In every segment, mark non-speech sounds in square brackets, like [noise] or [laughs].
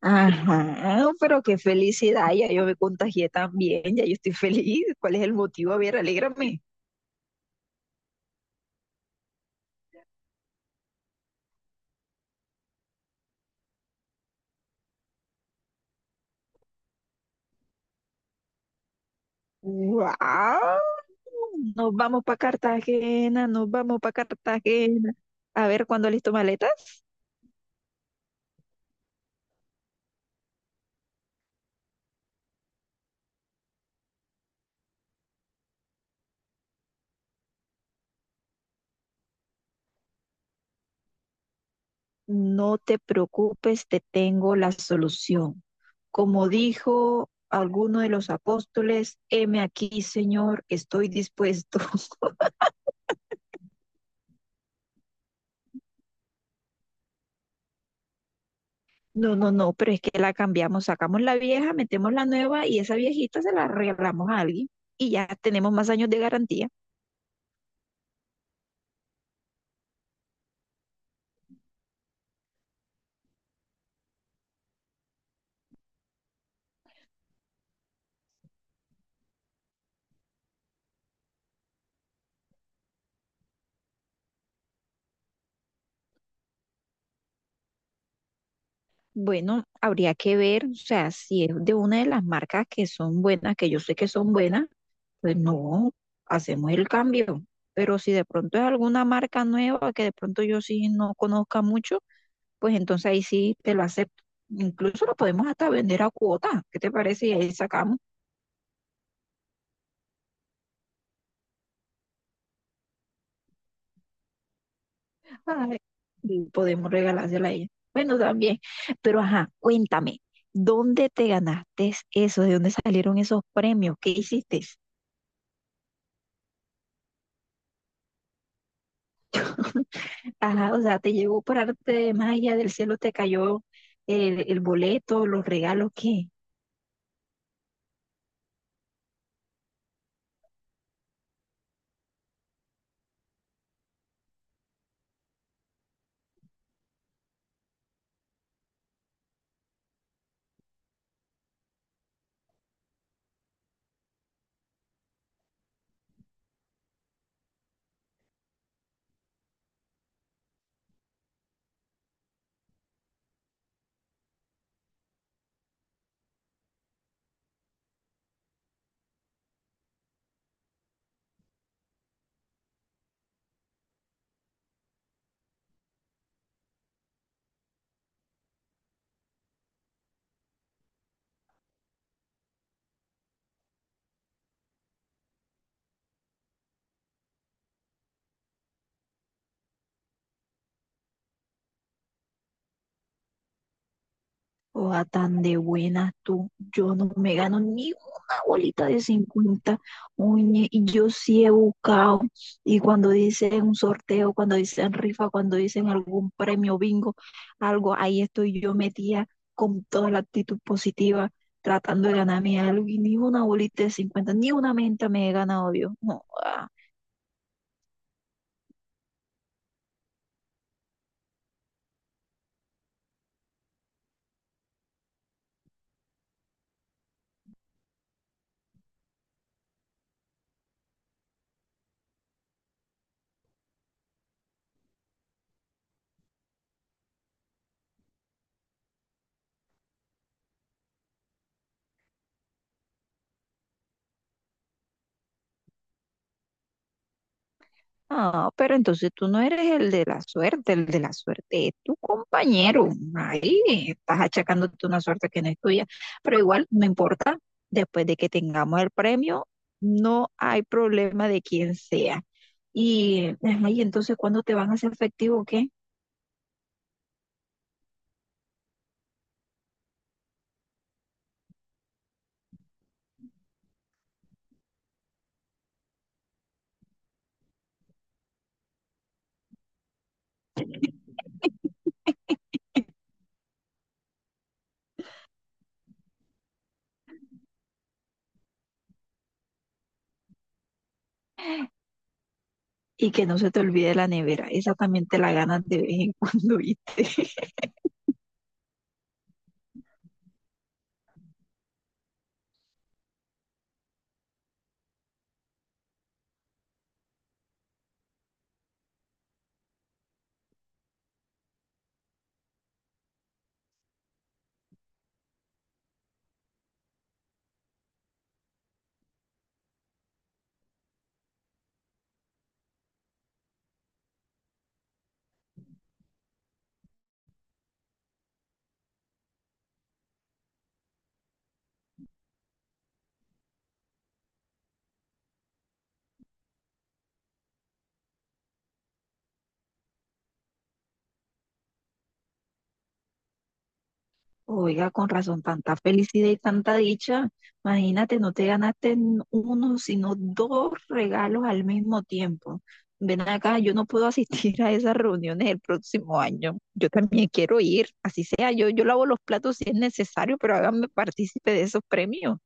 Ajá, pero qué felicidad, ya yo me contagié también, ya yo estoy feliz. ¿Cuál es el motivo? A ver, alégrame. ¡Wow! Nos vamos para Cartagena, nos vamos para Cartagena. A ver, ¿cuándo listo maletas? No te preocupes, te tengo la solución. Como dijo alguno de los apóstoles, heme aquí, Señor, estoy dispuesto. No, no, no, pero es que la cambiamos, sacamos la vieja, metemos la nueva y esa viejita se la regalamos a alguien y ya tenemos más años de garantía. Bueno, habría que ver, o sea, si es de una de las marcas que son buenas, que yo sé que son buenas, pues no, hacemos el cambio. Pero si de pronto es alguna marca nueva que de pronto yo sí no conozca mucho, pues entonces ahí sí te lo acepto. Incluso lo podemos hasta vender a cuota, ¿qué te parece? Y ahí sacamos. Ay, y podemos regalársela a ella. Bueno, también. Pero ajá, cuéntame, ¿dónde te ganaste eso? ¿De dónde salieron esos premios? ¿Qué hiciste? [laughs] Ajá, o sea, te llegó por arte de magia, del cielo te cayó el boleto, los regalos, ¿qué? Oa tan de buena tú. Yo no me gano ni una bolita de 50. Oye, y yo sí he buscado. Y cuando dicen un sorteo, cuando dicen rifa, cuando dicen algún premio bingo, algo, ahí estoy yo metida con toda la actitud positiva, tratando de ganarme algo. Y ni una bolita de 50, ni una menta me he ganado yo. No, ah. Ah, pero entonces tú no eres el de la suerte, el de la suerte es tu compañero. Ahí estás achacándote una suerte que no es tuya. Pero igual, no importa, después de que tengamos el premio, no hay problema de quién sea. Y ahí entonces, ¿cuándo te van a hacer efectivo o qué? Y que no se te olvide la nevera. Esa también te la ganas de vez en cuando, [laughs] ¿viste? Oiga, con razón, tanta felicidad y tanta dicha. Imagínate, no te ganaste uno, sino dos regalos al mismo tiempo. Ven acá, yo no puedo [laughs] asistir a esas reuniones el próximo año. Yo también quiero ir, así sea, yo lavo los platos si es necesario, pero háganme partícipe de esos premios.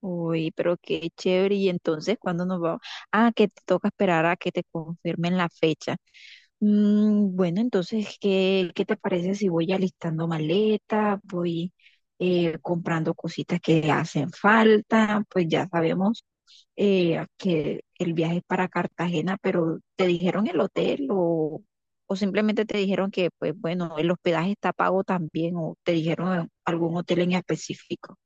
Uy, pero qué chévere. Y entonces, ¿cuándo nos vamos? Ah, que te toca esperar a que te confirmen la fecha. Mm, bueno, entonces, ¿qué te parece si voy alistando maletas, voy comprando cositas que hacen falta? Pues ya sabemos que el viaje es para Cartagena, pero ¿te dijeron el hotel o simplemente te dijeron que, pues bueno, el hospedaje está pago también o te dijeron algún hotel en específico?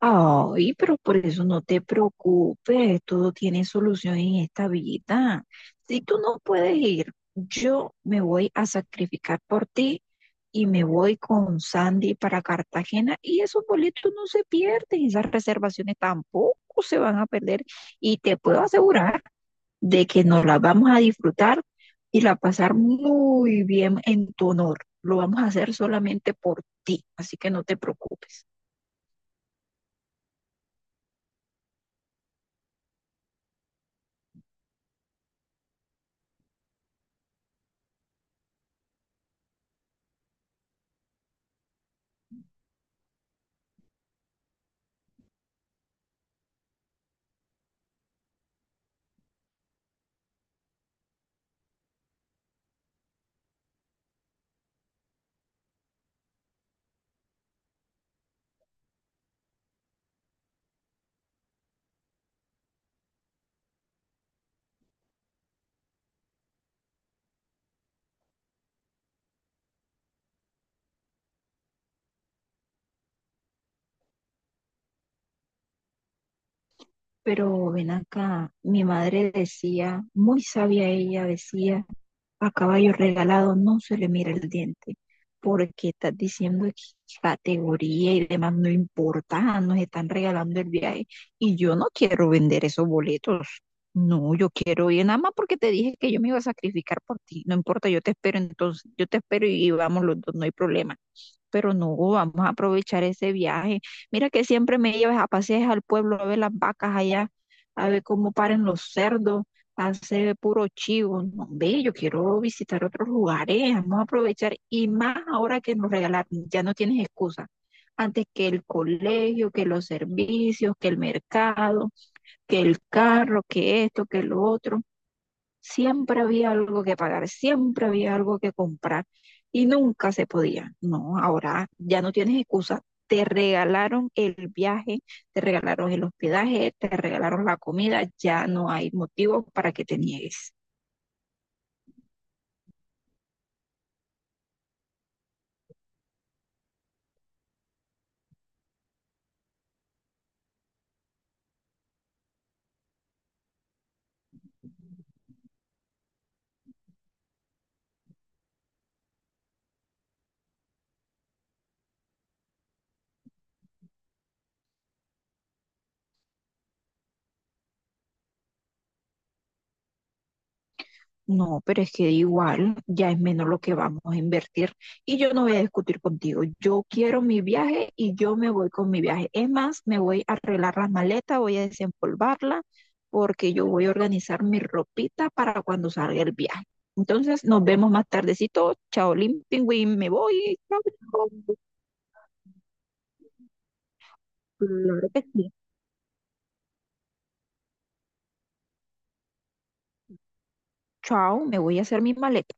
Ay, pero por eso no te preocupes, todo tiene solución en esta vida. Si tú no puedes ir, yo me voy a sacrificar por ti y me voy con Sandy para Cartagena y esos boletos no se pierden, esas reservaciones tampoco se van a perder y te puedo asegurar de que nos la vamos a disfrutar y la pasar muy bien en tu honor. Lo vamos a hacer solamente por ti, así que no te preocupes. Pero ven acá, mi madre decía, muy sabia ella, decía: a caballo regalado no se le mira el diente, porque estás diciendo que categoría y demás no importa, nos están regalando el viaje y yo no quiero vender esos boletos. No, yo quiero ir nada más porque te dije que yo me iba a sacrificar por ti. No importa, yo te espero entonces, yo te espero y vamos los dos, no hay problema, pero no, vamos a aprovechar ese viaje. Mira que siempre me llevas a pasear al pueblo a ver las vacas allá, a ver cómo paren los cerdos, hace puro chivo. No, ve, yo quiero visitar otros lugares, vamos a aprovechar y más ahora que nos regalaron, ya no tienes excusa. Antes que el colegio, que los servicios, que el mercado, que el carro, que esto, que lo otro. Siempre había algo que pagar, siempre había algo que comprar y nunca se podía. No, ahora ya no tienes excusa. Te regalaron el viaje, te regalaron el hospedaje, te regalaron la comida, ya no hay motivo para que te niegues. No, pero es que igual ya es menos lo que vamos a invertir y yo no voy a discutir contigo. Yo quiero mi viaje y yo me voy con mi viaje. Es más, me voy a arreglar las maletas, voy a desempolvarla porque yo voy a organizar mi ropita para cuando salga el viaje. Entonces nos vemos más tardecito. Chao, Limpingüín, me voy. Chao, chao. Claro que sí. Chao, me voy a hacer mi maleta.